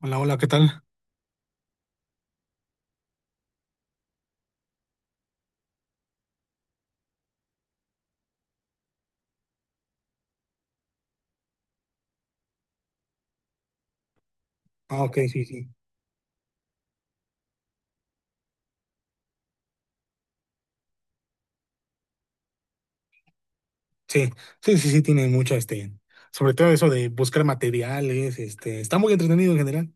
Hola, hola, ¿qué tal? Ah, ok, sí, sí. Sí, sí, tiene mucho, sobre todo eso de buscar materiales, está muy entretenido en general.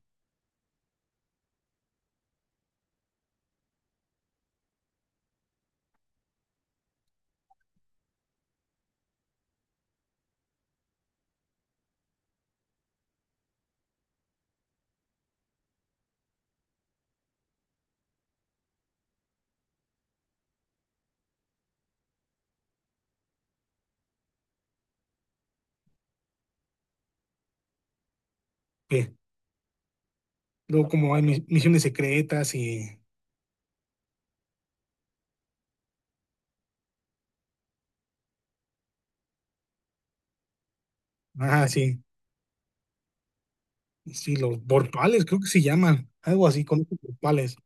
Sí. Luego como hay misiones secretas y, ah, sí, sí, los portales, creo que se llaman, algo así, con los portales,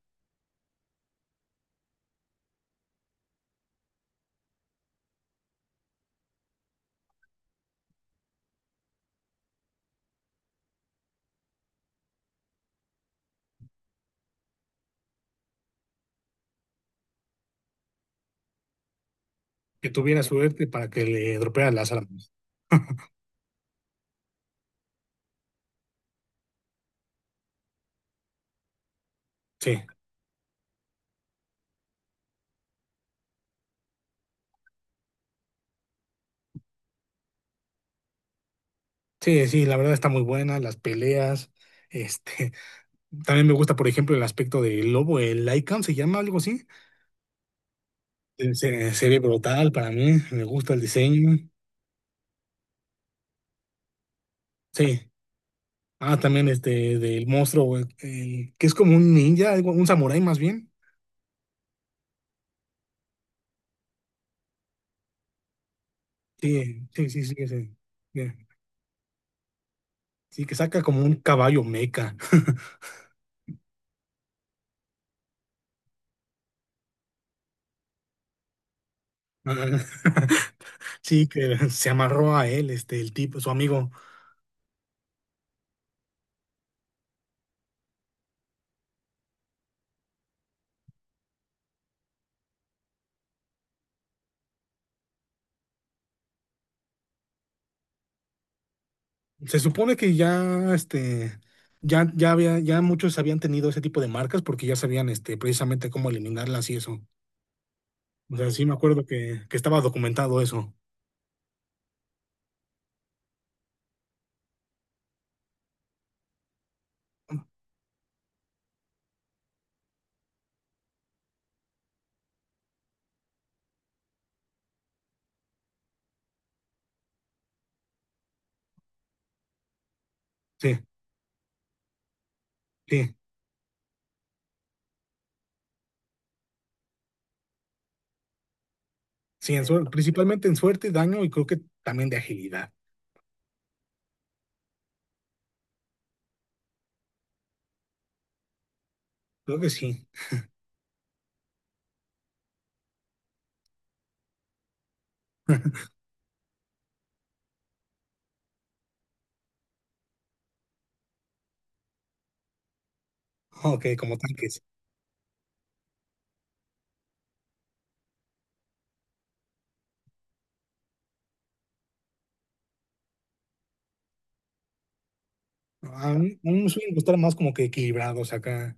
que tuviera suerte para que le dropearan las armas. Sí, sí, sí, la verdad está muy buena, las peleas, este, también me gusta, por ejemplo, el aspecto del lobo, el Lycan, ¿se llama algo así? Se ve brutal para mí, me gusta el diseño. Sí. Ah, también este del monstruo, güey, que es como un ninja, un samurái más bien. Sí, sí, sí, sí, sí. Bien. Sí, que saca como un caballo meca. Ah, Sí, que se amarró a él, el tipo, su amigo. Se supone que ya, ya había, ya muchos habían tenido ese tipo de marcas porque ya sabían, precisamente cómo eliminarlas y eso. O sea, sí me acuerdo que estaba documentado eso. Sí. Sí, sí, en principalmente en suerte, daño y creo que también de agilidad. Creo que sí. Ok, como tanques. A mí me suelen gustar más como que equilibrados acá.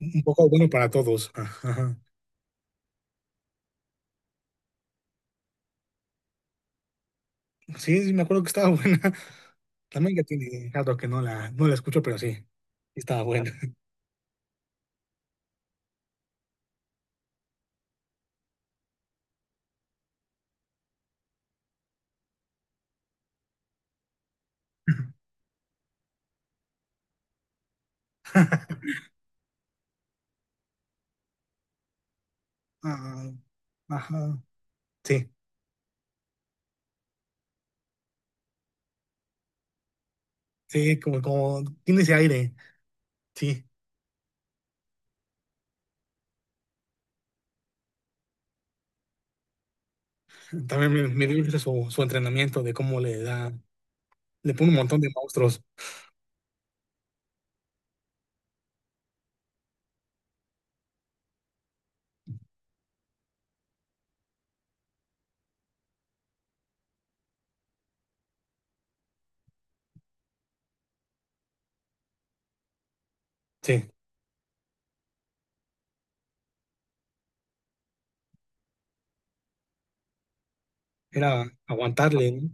Un poco bueno para todos. Ajá. Sí, sí, me acuerdo que estaba buena. También ya tiene rato que no la escucho, pero sí, sí estaba buena. Ah, ajá. Sí, sí, como, como tiene ese aire. Sí, también me dio risa su, su entrenamiento de cómo le da, le pone un montón de monstruos. Sí, era aguantarle, ¿no?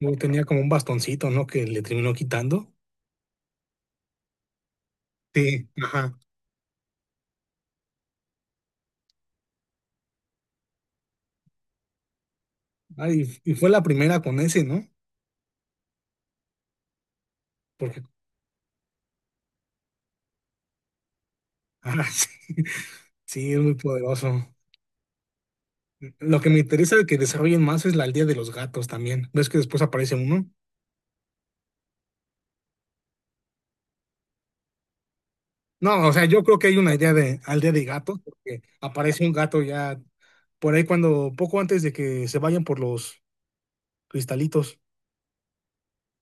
Luego tenía como un bastoncito, ¿no? Que le terminó quitando. Sí, ajá. Ah, y fue la primera con ese, ¿no? Porque, ah, sí, sí, es muy poderoso. Lo que me interesa de que desarrollen más es la aldea de los gatos también. ¿Ves que después aparece uno? No, o sea, yo creo que hay una idea de aldea de gatos, porque aparece un gato ya por ahí cuando, poco antes de que se vayan por los cristalitos,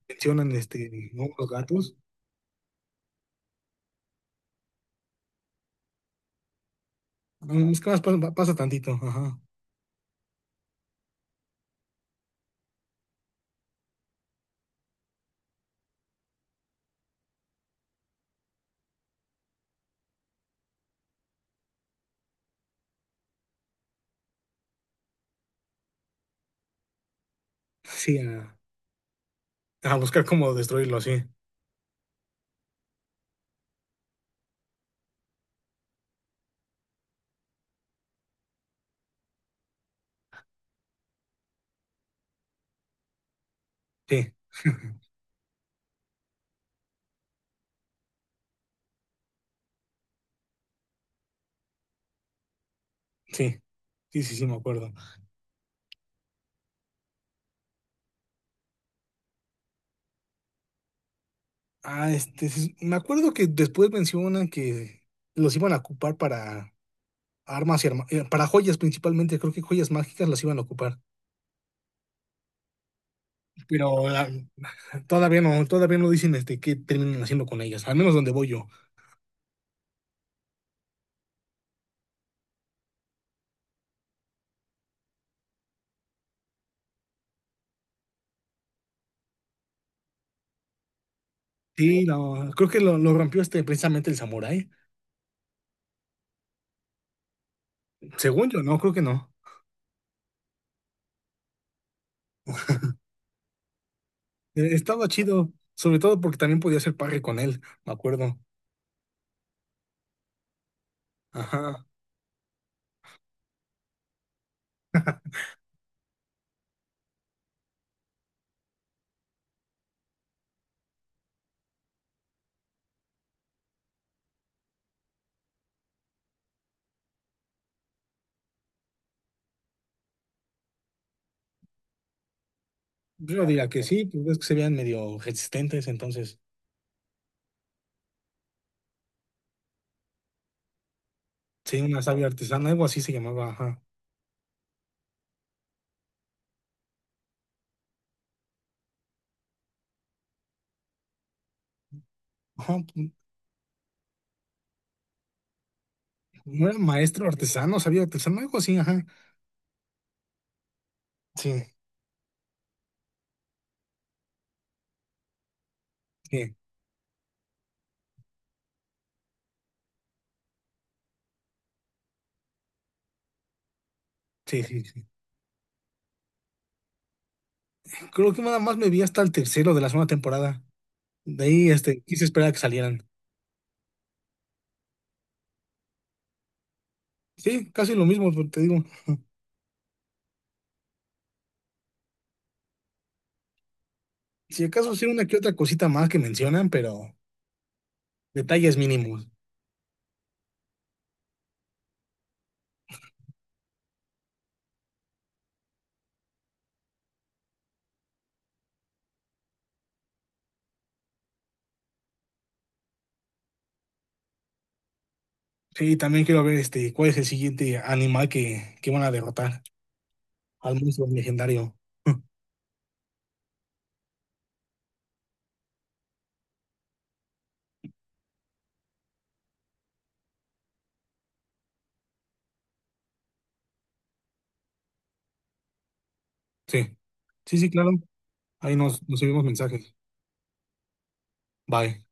mencionan este, ¿no? Los gatos. Mm, es que más pasa, pasa tantito, ajá. Sí, a buscar cómo destruirlo, así. Sí, sí, sí, sí, sí, me acuerdo. Ah, sí, me acuerdo que después mencionan que los iban a ocupar para armas y para joyas principalmente, creo que joyas mágicas las iban a ocupar, pero ah, todavía no dicen este qué terminan haciendo con ellas, al menos donde voy yo. Sí, no, creo que lo rompió este precisamente el samurái. Según yo, no, creo que no. Estaba chido, sobre todo porque también podía hacer parry con él, me acuerdo. Ajá. Yo diría que sí, pues ves que se veían medio resistentes, entonces. Sí, una sabia artesana, algo así se llamaba, ajá. Ajá, no era maestro artesano, sabio artesano, algo así, ajá. Sí, sí, sí, sí, sí. Creo que nada más me vi hasta el tercero de la segunda temporada. De ahí, este, quise esperar a que salieran. Sí, casi lo mismo, pero te digo. Si acaso sí una que otra cosita más que mencionan, pero detalles mínimos. Sí, también quiero ver este, cuál es el siguiente animal que van a derrotar al monstruo legendario. Sí, sí, sí, claro. Ahí nos, nos enviamos mensajes. Bye.